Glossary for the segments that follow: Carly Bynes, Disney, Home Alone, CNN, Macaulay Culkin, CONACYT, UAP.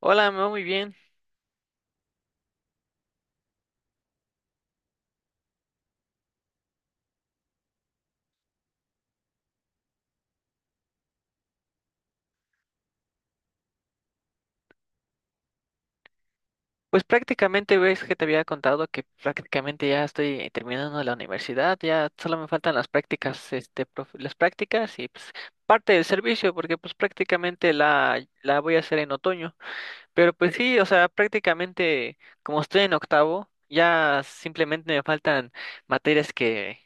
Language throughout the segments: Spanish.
Hola, me va muy bien. Pues prácticamente ves que te había contado que prácticamente ya estoy terminando la universidad, ya solo me faltan las prácticas, las prácticas y pues parte del servicio, porque pues prácticamente la voy a hacer en otoño. Pero pues sí, o sea, prácticamente como estoy en octavo, ya simplemente me faltan materias que,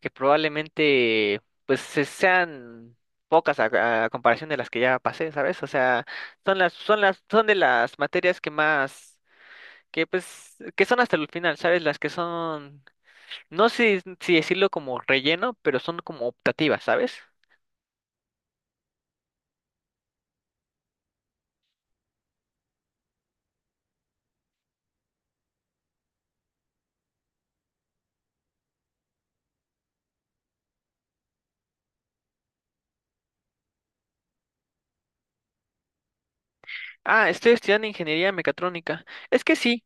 que probablemente pues sean pocas a comparación de las que ya pasé, ¿sabes? O sea, son de las materias que más, que pues, que son hasta el final, ¿sabes? Las que son, no sé si decirlo como relleno, pero son como optativas, ¿sabes? Ah, estoy estudiando ingeniería mecatrónica. Es que sí.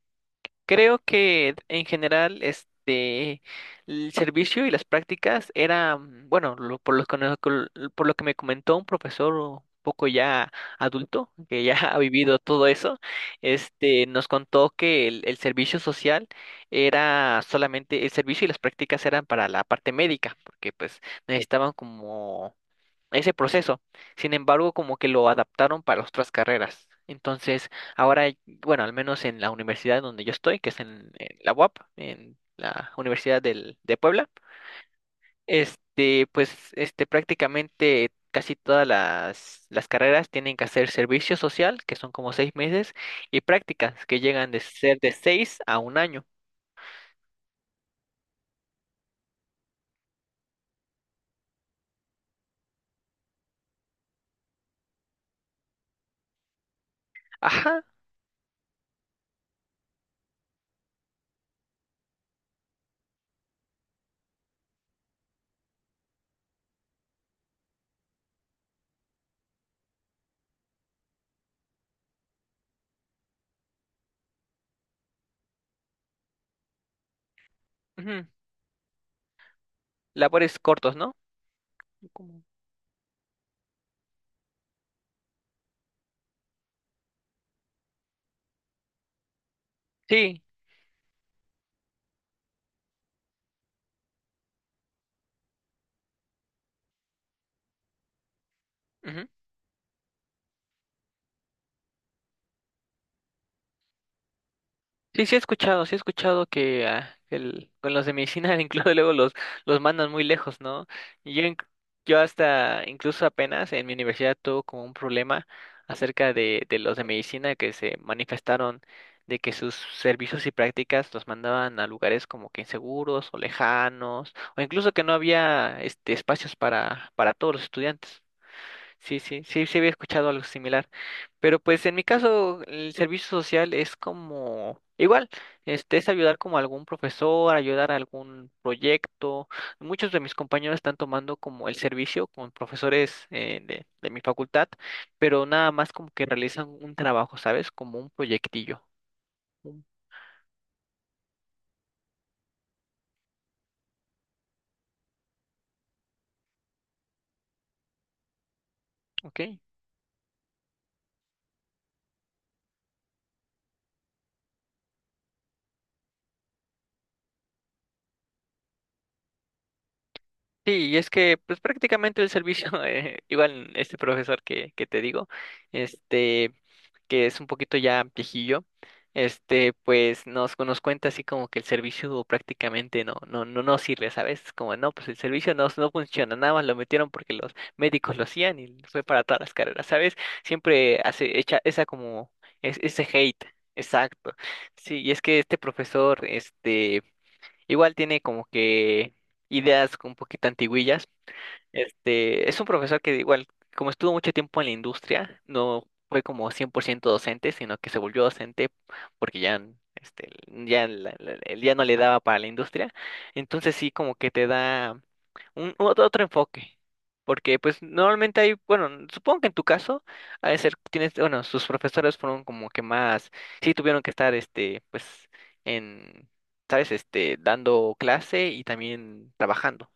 Creo que en general el servicio y las prácticas era, bueno, lo- por lo que, no- col- por lo que me comentó un profesor un poco ya adulto, que ya ha vivido todo eso. Nos contó que el servicio social era solamente el servicio y las prácticas eran para la parte médica, porque pues necesitaban como ese proceso. Sin embargo, como que lo adaptaron para otras carreras. Entonces, ahora, bueno, al menos en la universidad donde yo estoy, que es en la UAP, en la Universidad de Puebla, pues, prácticamente casi todas las carreras tienen que hacer servicio social, que son como 6 meses, y prácticas, que llegan de ser de seis a un año. Ajá, ujú. Labores cortos, ¿no? Como- Sí. Ujú. Sí, sí he escuchado que con los de medicina incluso luego los mandan muy lejos, ¿no? Y yo hasta incluso apenas en mi universidad tuve como un problema acerca de los de medicina que se manifestaron de que sus servicios y prácticas los mandaban a lugares como que inseguros o lejanos, o incluso que no había espacios para todos los estudiantes. Sí, sí, sí, sí había escuchado algo similar. Pero pues en mi caso, el servicio social es como igual, es ayudar como a algún profesor, ayudar a algún proyecto. Muchos de mis compañeros están tomando como el servicio con profesores de mi facultad, pero nada más como que realizan un trabajo, ¿sabes? Como un proyectillo. Mm. ¿Ok? Sí, y es que pues prácticamente el servicio, igual este profesor que te digo, este... que es un poquito ya viejillo, pues nos cuenta así como que el servicio prácticamente no, no, no, no sirve, ¿sabes? Es como no, pues el servicio no, no funciona, nada más lo metieron porque los médicos lo hacían y fue para todas las carreras, ¿sabes? Siempre echa esa como, ese hate, exacto. Sí, y es que este profesor, igual tiene como que ideas un poquito antiguillas. Es un profesor que igual, como estuvo mucho tiempo en la industria, no fue como 100% docente, sino que se volvió docente porque ya no le daba para la industria. Entonces sí, como que te da otro enfoque. Porque pues normalmente hay, bueno, supongo que en tu caso, a ser, tienes, bueno, sus profesores fueron como que más, sí tuvieron que estar, pues, en, ¿sabes? Dando clase y también trabajando.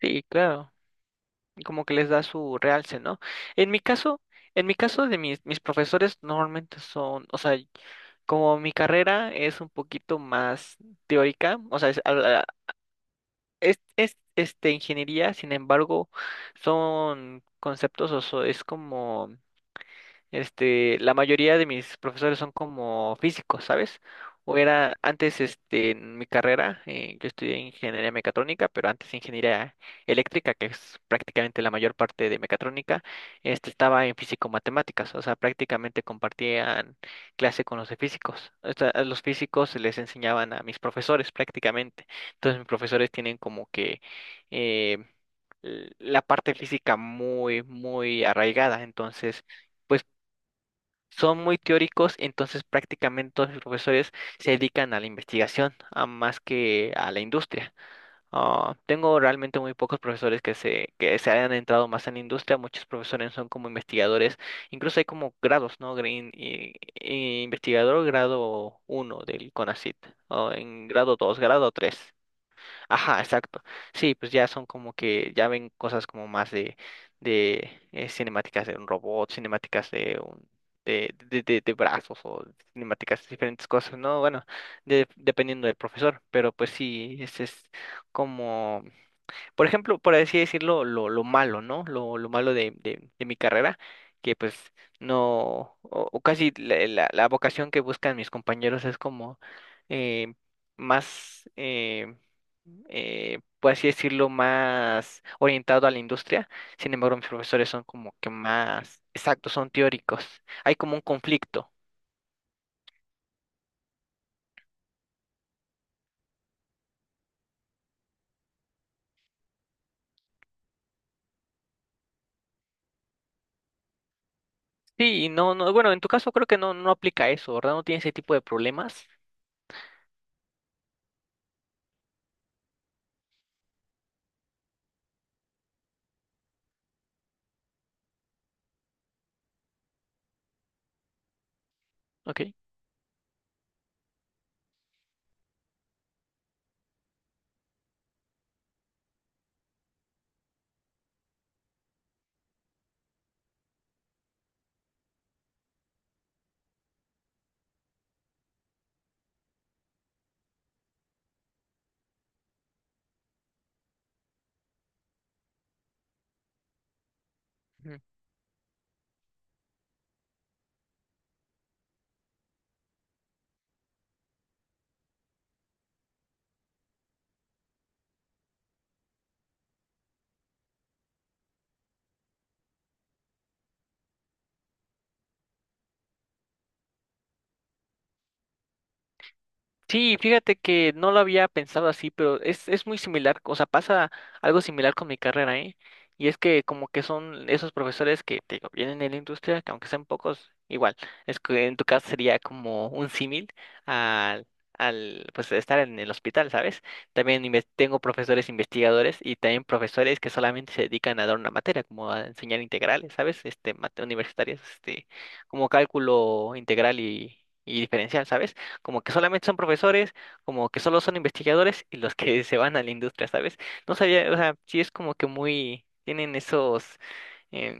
Sí, claro. Como que les da su realce, ¿no? En mi caso, en mi caso de mis profesores normalmente son, o sea, como mi carrera es un poquito más teórica, o sea, es, a la- es, este, ingeniería, sin embargo, son conceptos, o so- es como este, la mayoría de mis profesores son como físicos, ¿sabes? O era antes, en mi carrera, yo estudié ingeniería mecatrónica, pero antes ingeniería eléctrica, que es prácticamente la mayor parte de mecatrónica, estaba en físico-matemáticas, o sea, prácticamente compartían clase con los de físicos. O sea, a los físicos les enseñaban a mis profesores prácticamente. Entonces, mis profesores tienen como que... eh, l- la parte física muy, muy arraigada, entonces pues, son muy teóricos, entonces prácticamente todos los profesores se dedican a la investigación, a más que a la industria. Ah, tengo realmente muy pocos profesores que se hayan entrado más en la industria, muchos profesores son como investigadores, incluso hay como grados, ¿no? Green, y investigador grado 1 del CONACYT, o en grado 2 grado 3. Ajá, exacto. Sí, pues ya son como que ya ven cosas como más de, cinemáticas de un robot, cinemáticas de un de brazos o cinemáticas de diferentes cosas, ¿no? Bueno, dependiendo del profesor, pero pues sí, ese es como por ejemplo, por así decirlo, lo malo, ¿no? Lo malo de mi carrera, que pues no, o casi la vocación que buscan mis compañeros es como eh, más, por así decirlo, más orientado a la industria. Sin embargo, mis profesores son como que más exactos, son teóricos. Hay como un conflicto. Sí, y no, no, bueno, en tu caso creo que no, no aplica eso, ¿verdad? No tiene ese tipo de problemas. Ok. Sí, fíjate que no lo había pensado así, pero es muy similar, o sea, pasa algo similar con mi carrera, ¿eh? Y es que como que son esos profesores que te digo, vienen de la industria, que aunque sean pocos, igual, es que en tu caso sería como un símil al, al, pues, estar en el hospital, ¿sabes? También tengo profesores investigadores y también profesores que solamente se dedican a dar una materia, como a enseñar integrales, ¿sabes? Universitarias, como cálculo integral y diferencial, ¿sabes? Como que solamente son profesores, como que solo son investigadores y los que se van a la industria, ¿sabes? No sabía, o sea, sí es como que muy, tienen esos, em,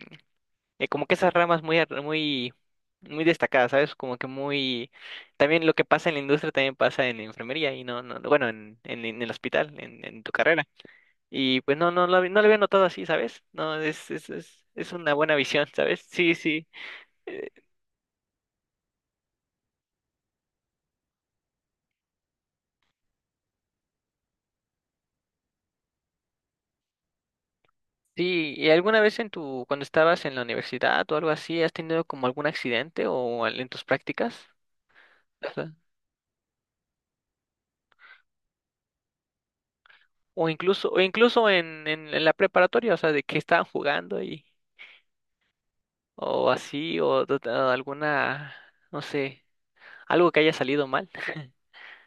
como que esas ramas muy, muy, muy destacadas, ¿sabes? Como que muy, también lo que pasa en la industria también pasa en la enfermería y no, no, no, bueno, en el hospital, en tu carrera. Y pues no, no, no lo había notado así, ¿sabes? No, es una buena visión, ¿sabes? Sí, sí. Sí, ¿y alguna vez en tu, cuando estabas en la universidad o algo así, has tenido como algún accidente en tus prácticas? O sea, o incluso en la preparatoria, o sea, de que estaban jugando y, o así, o, de alguna, no sé, algo que haya salido mal.